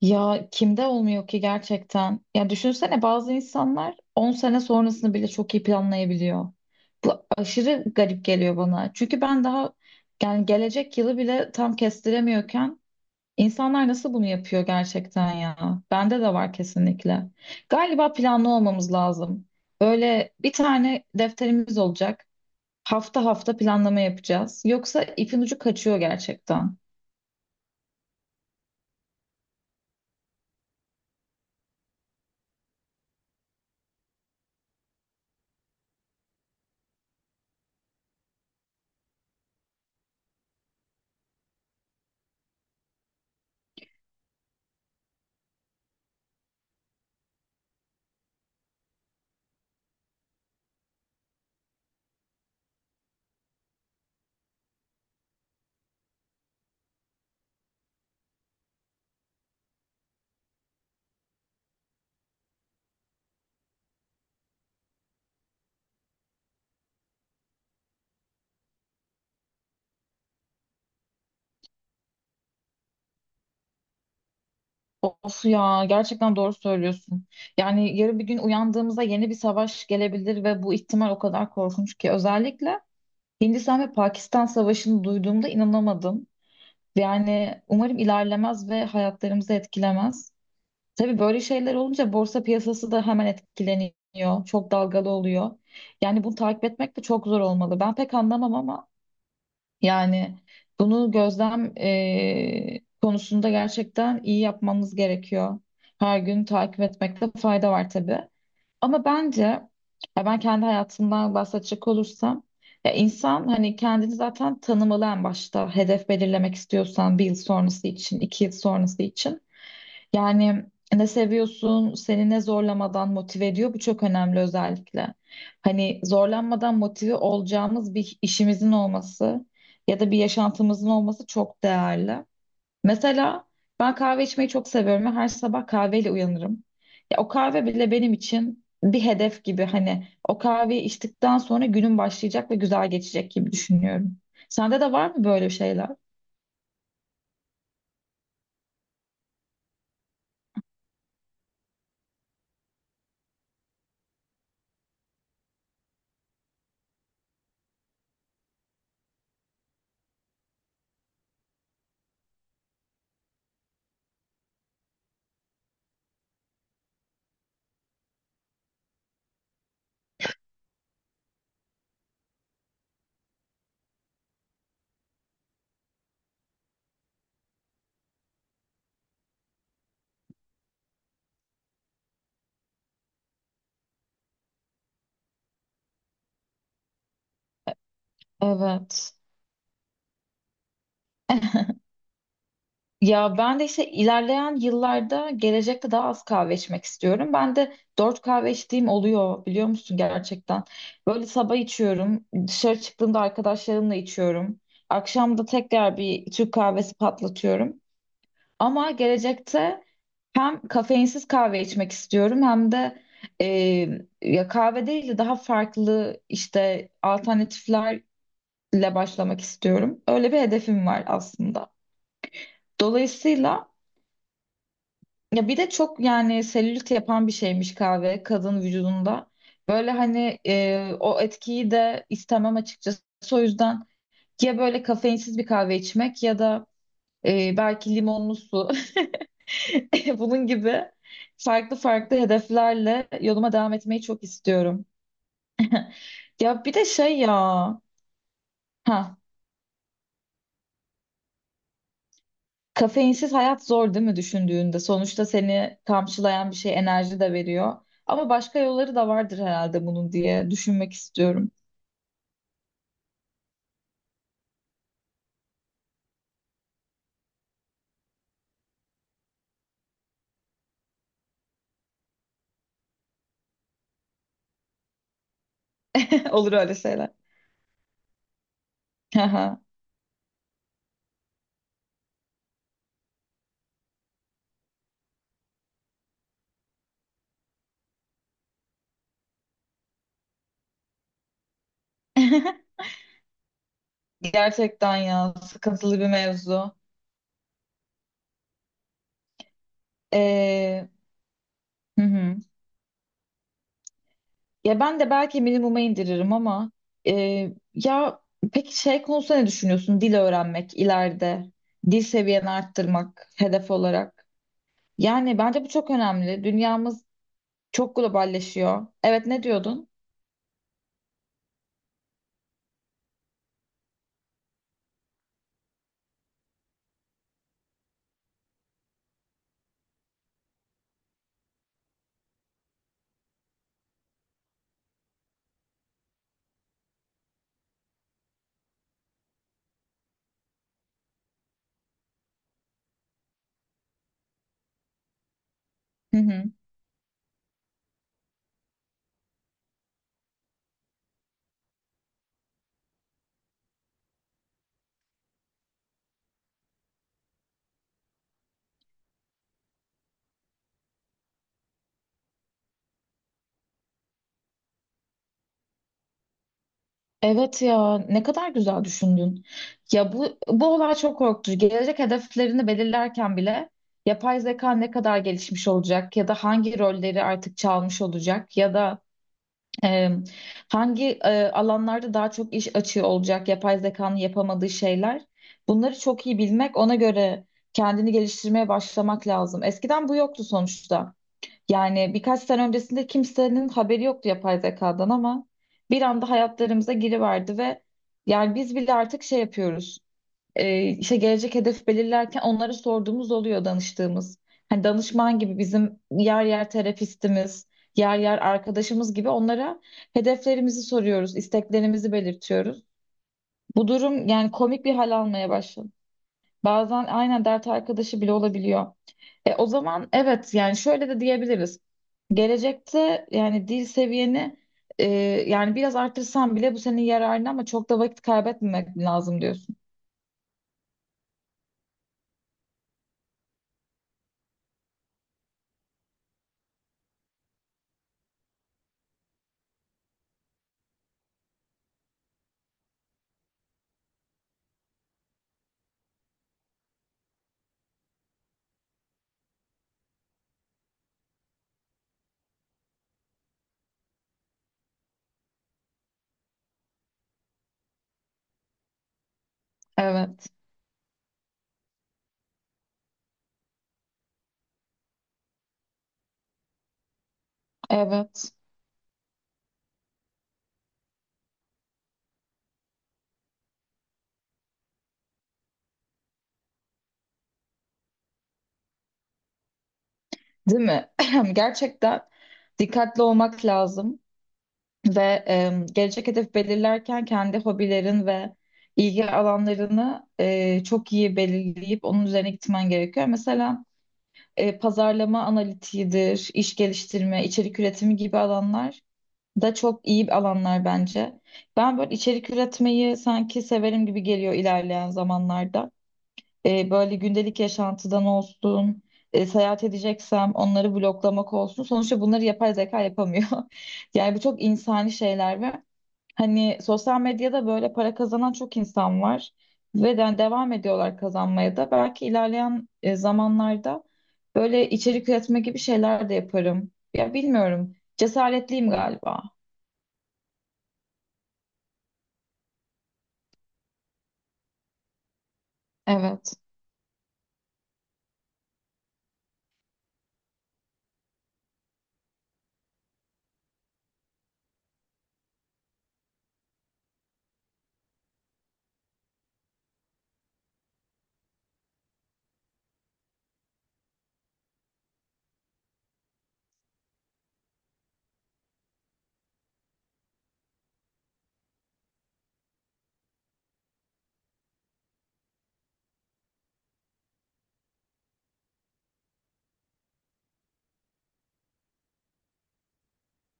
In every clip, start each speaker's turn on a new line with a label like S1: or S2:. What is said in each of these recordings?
S1: Ya kimde olmuyor ki gerçekten? Ya düşünsene bazı insanlar 10 sene sonrasını bile çok iyi planlayabiliyor. Bu aşırı garip geliyor bana. Çünkü ben daha yani gelecek yılı bile tam kestiremiyorken insanlar nasıl bunu yapıyor gerçekten ya? Bende de var kesinlikle. Galiba planlı olmamız lazım. Böyle bir tane defterimiz olacak. Hafta hafta planlama yapacağız. Yoksa ipin ucu kaçıyor gerçekten. Of ya gerçekten doğru söylüyorsun. Yani yarın bir gün uyandığımızda yeni bir savaş gelebilir ve bu ihtimal o kadar korkunç ki. Özellikle Hindistan ve Pakistan savaşını duyduğumda inanamadım. Yani umarım ilerlemez ve hayatlarımızı etkilemez. Tabii böyle şeyler olunca borsa piyasası da hemen etkileniyor. Çok dalgalı oluyor. Yani bunu takip etmek de çok zor olmalı. Ben pek anlamam ama yani bunu gözlem konusunda gerçekten iyi yapmamız gerekiyor. Her gün takip etmekte fayda var tabii. Ama bence ya ben kendi hayatımdan bahsedecek olursam ya insan hani kendini zaten tanımalı en başta hedef belirlemek istiyorsan bir yıl sonrası için, 2 yıl sonrası için. Yani ne seviyorsun, seni ne zorlamadan motive ediyor bu çok önemli özellikle. Hani zorlanmadan motive olacağımız bir işimizin olması ya da bir yaşantımızın olması çok değerli. Mesela ben kahve içmeyi çok seviyorum ve her sabah kahveyle uyanırım. Ya o kahve bile benim için bir hedef gibi hani o kahveyi içtikten sonra günüm başlayacak ve güzel geçecek gibi düşünüyorum. Sende de var mı böyle şeyler? Evet. Ya ben de işte ilerleyen yıllarda gelecekte daha az kahve içmek istiyorum. Ben de dört kahve içtiğim oluyor biliyor musun gerçekten. Böyle sabah içiyorum, dışarı çıktığımda arkadaşlarımla içiyorum. Akşam da tekrar bir Türk kahvesi patlatıyorum. Ama gelecekte hem kafeinsiz kahve içmek istiyorum hem de e, ya kahve değil de daha farklı işte alternatiflerle başlamak istiyorum. Öyle bir hedefim var aslında. Dolayısıyla ya bir de çok yani selülit yapan bir şeymiş kahve kadın vücudunda. Böyle hani o etkiyi de istemem açıkçası. O yüzden ya böyle kafeinsiz bir kahve içmek ya da belki limonlu su. Bunun gibi farklı farklı hedeflerle yoluma devam etmeyi çok istiyorum. Ya bir de şey ya, ha kafeinsiz hayat zor değil mi düşündüğünde? Sonuçta seni kamçılayan bir şey enerji de veriyor. Ama başka yolları da vardır herhalde bunun diye düşünmek istiyorum. Olur öyle şeyler. Haha. Gerçekten ya sıkıntılı bir mevzu. Ee, hı hı. Ya ben de belki minimuma indiririm ama e, ya peki şey konusunda ne düşünüyorsun? Dil öğrenmek ileride, dil seviyeni arttırmak hedef olarak. Yani bence bu çok önemli. Dünyamız çok globalleşiyor. Evet ne diyordun? Hı hı. Evet ya ne kadar güzel düşündün. Ya bu olay çok korkutucu. Gelecek hedeflerini belirlerken bile yapay zeka ne kadar gelişmiş olacak ya da hangi rolleri artık çalmış olacak ya da Eee, hangi alanlarda daha çok iş açığı olacak, yapay zekanın yapamadığı şeyler. Bunları çok iyi bilmek, ona göre kendini geliştirmeye başlamak lazım. Eskiden bu yoktu sonuçta. Yani birkaç sene öncesinde kimsenin haberi yoktu yapay zekadan ama bir anda hayatlarımıza giriverdi ve yani biz bile artık şey yapıyoruz işte gelecek hedef belirlerken onlara sorduğumuz oluyor danıştığımız. Hani danışman gibi bizim yer yer terapistimiz, yer yer arkadaşımız gibi onlara hedeflerimizi soruyoruz, isteklerimizi belirtiyoruz. Bu durum yani komik bir hal almaya başladı. Bazen aynen dert arkadaşı bile olabiliyor. E, o zaman evet yani şöyle de diyebiliriz. Gelecekte yani dil seviyeni e, yani biraz artırsan bile bu senin yararına ama çok da vakit kaybetmemek lazım diyorsun. Evet, evet. Değil mi? Gerçekten dikkatli olmak lazım ve gelecek hedef belirlerken kendi hobilerin ve ilgi alanlarını çok iyi belirleyip onun üzerine gitmen gerekiyor. Mesela pazarlama analitiğidir, iş geliştirme, içerik üretimi gibi alanlar da çok iyi alanlar bence. Ben böyle içerik üretmeyi sanki severim gibi geliyor ilerleyen zamanlarda. Böyle gündelik yaşantıdan olsun, seyahat edeceksem onları bloklamak olsun. Sonuçta bunları yapay zeka yapamıyor. Yani bu çok insani şeyler ve hani sosyal medyada böyle para kazanan çok insan var ve de, hani devam ediyorlar kazanmaya da. Belki ilerleyen zamanlarda böyle içerik üretme gibi şeyler de yaparım. Ya bilmiyorum. Cesaretliyim galiba. Evet.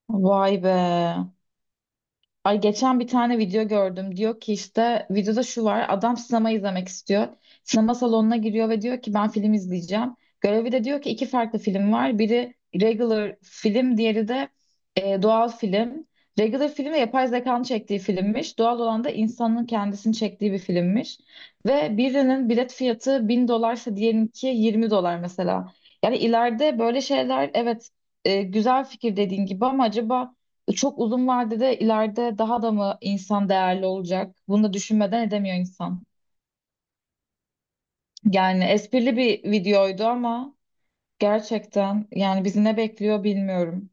S1: Vay be. Ay geçen bir tane video gördüm. Diyor ki işte videoda şu var. Adam sinema izlemek istiyor. Sinema salonuna giriyor ve diyor ki ben film izleyeceğim. Görevi de diyor ki iki farklı film var. Biri regular film, diğeri de doğal film. Regular film de yapay zekanın çektiği filmmiş. Doğal olan da insanın kendisini çektiği bir filmmiş. Ve birinin bilet fiyatı 1000 dolarsa diyelinki 20 dolar mesela. Yani ileride böyle şeyler evet güzel fikir dediğin gibi ama acaba çok uzun vadede ileride daha da mı insan değerli olacak? Bunu da düşünmeden edemiyor insan. Yani esprili bir videoydu ama gerçekten yani bizi ne bekliyor bilmiyorum.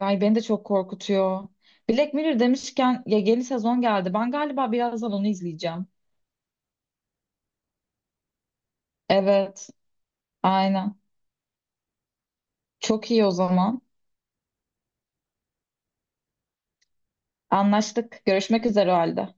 S1: Ay beni de çok korkutuyor. Black Mirror demişken ya yeni sezon geldi. Ben galiba birazdan onu izleyeceğim. Evet, aynen. Çok iyi o zaman. Anlaştık. Görüşmek üzere o halde.